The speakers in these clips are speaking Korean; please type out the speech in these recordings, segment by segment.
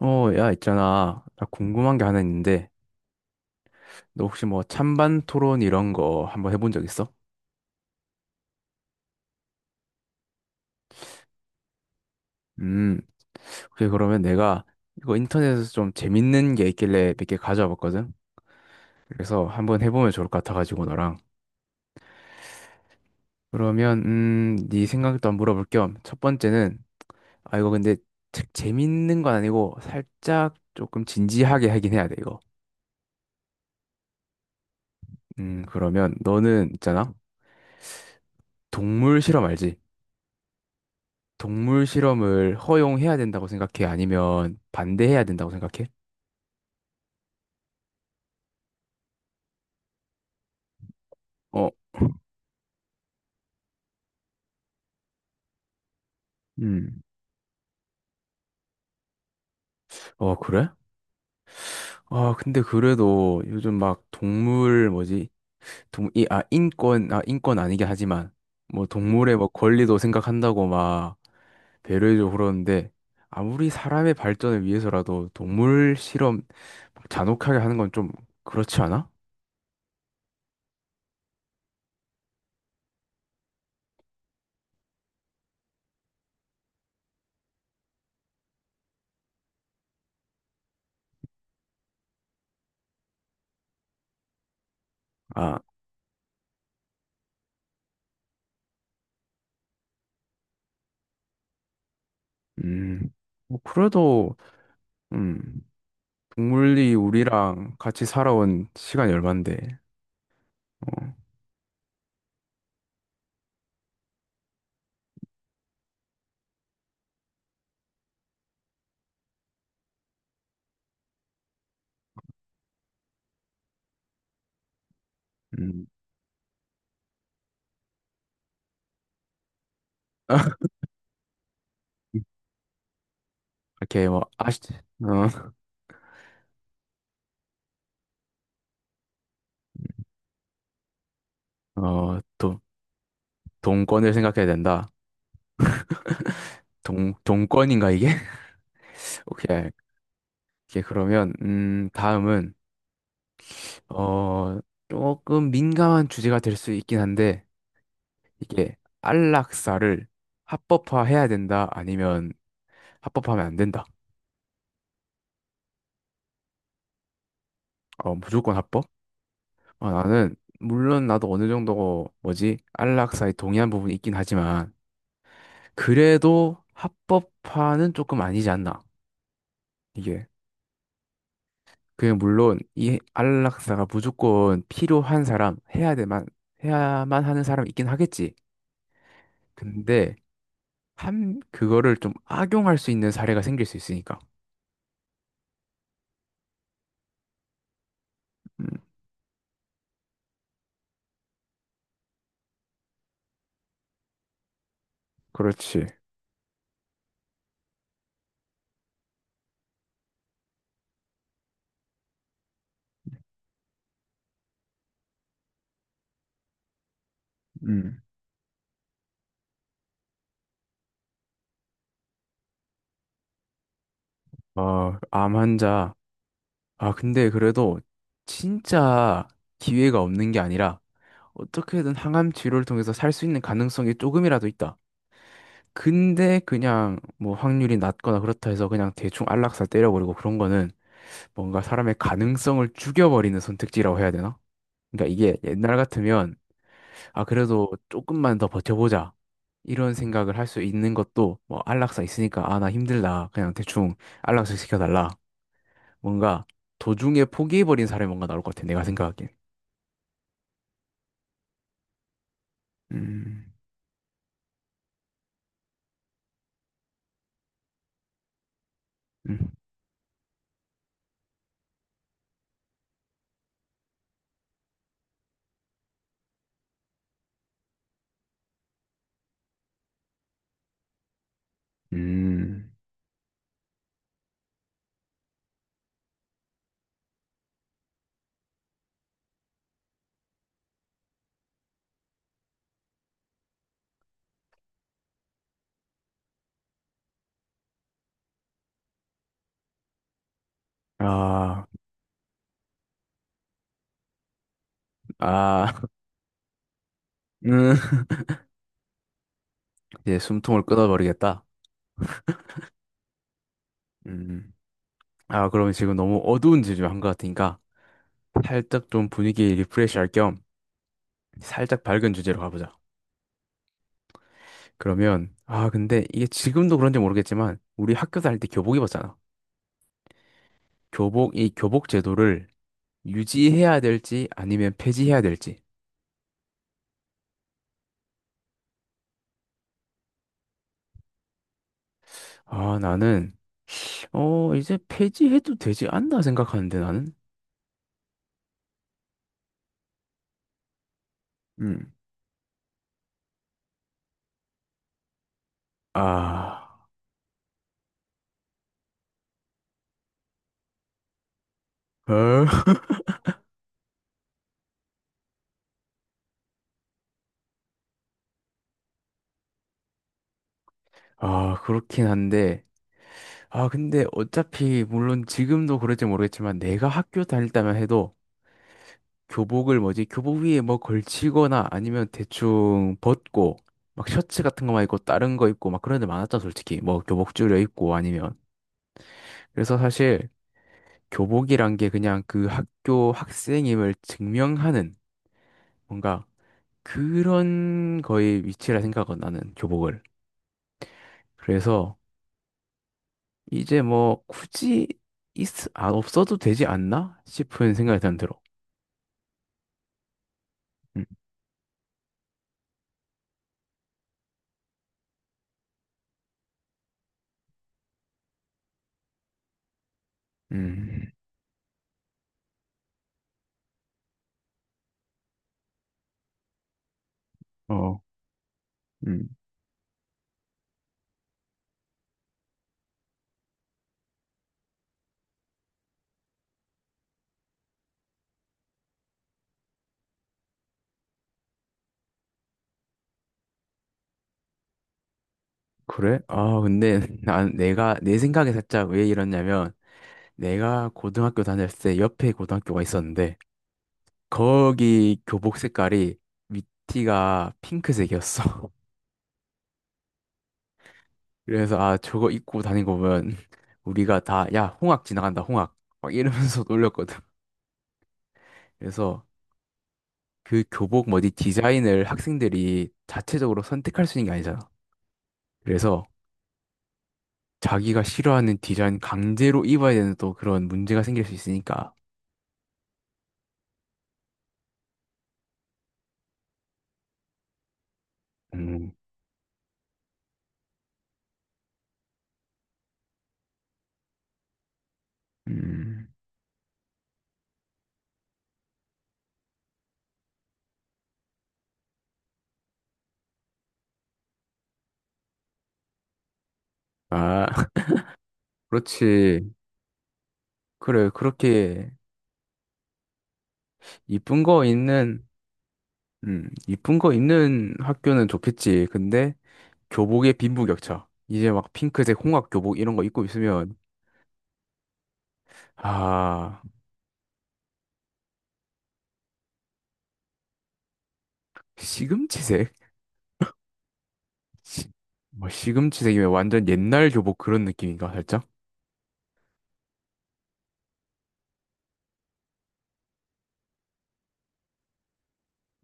어, 야, 있잖아. 나 궁금한 게 하나 있는데, 너 혹시 뭐 찬반 토론 이런 거 한번 해본 적 있어? 음, 그래, 그러면 내가 이거 인터넷에서 좀 재밌는 게 있길래 몇 개 가져와 봤거든? 그래서 한번 해보면 좋을 것 같아가지고, 너랑. 그러면, 네 생각도 한번 물어볼 겸, 첫 번째는, 아, 이거 근데 책 재밌는 건 아니고, 살짝 조금 진지하게 하긴 해야 돼, 이거. 그러면 너는 있잖아. 동물 실험 알지? 동물 실험을 허용해야 된다고 생각해? 아니면 반대해야 된다고 생각해? 어, 음. 어, 그래? 아, 근데 그래도 요즘 막 동물 뭐지? 인권, 인권 아니긴 하지만 뭐 동물의 뭐 권리도 생각한다고 막 배려해주고 그러는데 아무리 사람의 발전을 위해서라도 동물 실험 막 잔혹하게 하는 건 좀 그렇지 않아? 아, 음, 뭐 그래도, 음. 동물이 우리랑 같이 살아온 시간이 얼만데, 어, 음, 이렇게 뭐, 어, 동권을 생각해야 된다. 동권인가, 이게? 오케이. 오케이, 그러면, 다음은, 어, 조금 민감한 주제가 될 수 있긴 한데, 이게, 안락사를 합법화해야 된다, 아니면 합법화하면 안 된다. 어, 무조건 합법? 어, 나는, 물론 나도 어느 정도, 뭐지, 안락사에 동의한 부분이 있긴 하지만, 그래도 합법화는 조금 아니지 않나. 이게. 그게 물론 이 안락사가 무조건 필요한 사람, 해야 되만, 해야만 하는 사람 있긴 하겠지. 근데 한, 그거를 좀 악용할 수 있는 사례가 생길 수 있으니까. 음, 그렇지. 음. 아, 암 환자. 아, 근데 그래도 진짜 기회가 없는 게 아니라 어떻게든 항암 치료를 통해서 살 수 있는 가능성이 조금이라도 있다. 근데 그냥 뭐 확률이 낮거나 그렇다 해서 그냥 대충 안락사 때려버리고 그런 거는 뭔가 사람의 가능성을 죽여버리는 선택지라고 해야 되나? 그러니까 이게 옛날 같으면 아 그래도 조금만 더 버텨보자 이런 생각을 할 수 있는 것도 뭐 안락사 있으니까 아 나 힘들다 그냥 대충 안락사 시켜달라 뭔가 도중에 포기해버린 사람이 뭔가 나올 것 같아 내가 생각하기엔. 음, 음, 음. 아, 아, 음. 이제 숨통을 끊어버리겠다. 음. 아, 그럼 지금 너무 어두운 주제로 한 것 같으니까 살짝 좀 분위기 리프레시 할 겸 살짝 밝은 주제로 가보자. 그러면, 아, 근데 이게 지금도 그런지 모르겠지만 우리 학교 다닐 때 교복 입었잖아. 교복, 이 교복 제도를 유지해야 될지 아니면 폐지해야 될지. 아, 나는, 어, 이제 폐지해도 되지 않나 생각하는데 나는? 음. 아, 어? 아, 그렇긴 한데. 아, 근데 어차피 물론 지금도 그럴지 모르겠지만 내가 학교 다닐 때만 해도 교복을 뭐지? 교복 위에 뭐 걸치거나 아니면 대충 벗고 막 셔츠 같은 거만 입고 다른 거 입고 막 그런 데 많았잖아, 솔직히. 뭐 교복 줄여 입고 아니면. 그래서 사실 교복이란 게 그냥 그 학교 학생임을 증명하는 뭔가 그런 거의 위치라 생각은 나는 교복을. 그래서 이제 뭐 굳이 있, 없어도 되지 않나 싶은 생각이 드는 들어. 음, 음, 어, 음. 그래? 아, 근데 난 내가 내 생각에 살짝 왜 이러냐면 내가 고등학교 다닐 때 옆에 고등학교가 있었는데 거기 교복 색깔이 밑티가 핑크색이었어. 그래서 아, 저거 입고 다니고 보면 우리가 다 야, 홍학 지나간다, 홍학. 막 이러면서 놀렸거든. 그래서 그 교복 뭐지 디자인을 학생들이 자체적으로 선택할 수 있는 게 아니잖아. 그래서 자기가 싫어하는 디자인 강제로 입어야 되는 또 그런 문제가 생길 수 있으니까. 음. 음. 아, 그렇지. 그래, 그렇게 이쁜 거 있는, 이쁜 거 있는 학교는 좋겠지. 근데 교복에 빈부격차. 이제 막 핑크색 홍학 교복 이런 거 입고 있으면, 아, 시금치색? 시, 뭐 시금치색이면 완전 옛날 교복 그런 느낌인가, 살짝?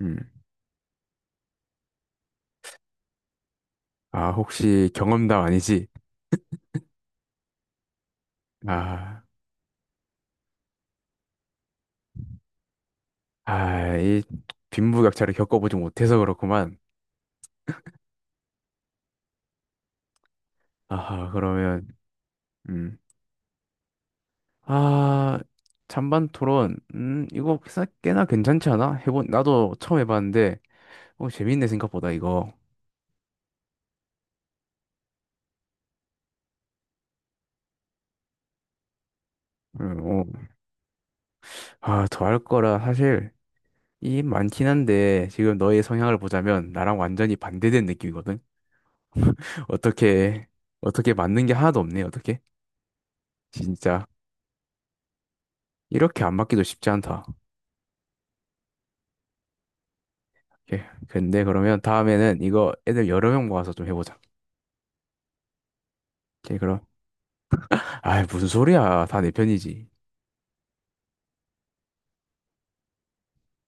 음. 아, 혹시 경험담 아니지? 아, 아, 이 빈부격차를 겪어보지 못해서 그렇구만. 아하, 그러면, 음. 아, 잔반 토론. 이거 꽤나 괜찮지 않아? 해본, 나도 처음 해봤는데, 어, 재밌네, 생각보다, 이거. 어. 아, 더할 거라, 사실, 이 많긴 한데, 지금 너의 성향을 보자면, 나랑 완전히 반대된 느낌이거든? 어떻게, 어떻게 맞는 게 하나도 없네, 어떻게? 진짜. 이렇게 안 맞기도 쉽지 않다. 예. 근데 그러면 다음에는 이거 애들 여러 명 모아서 좀 해보자. 오케이, 그럼. 아, 무슨 소리야. 다 내 편이지.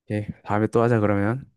오케이. 다음에 또 하자, 그러면.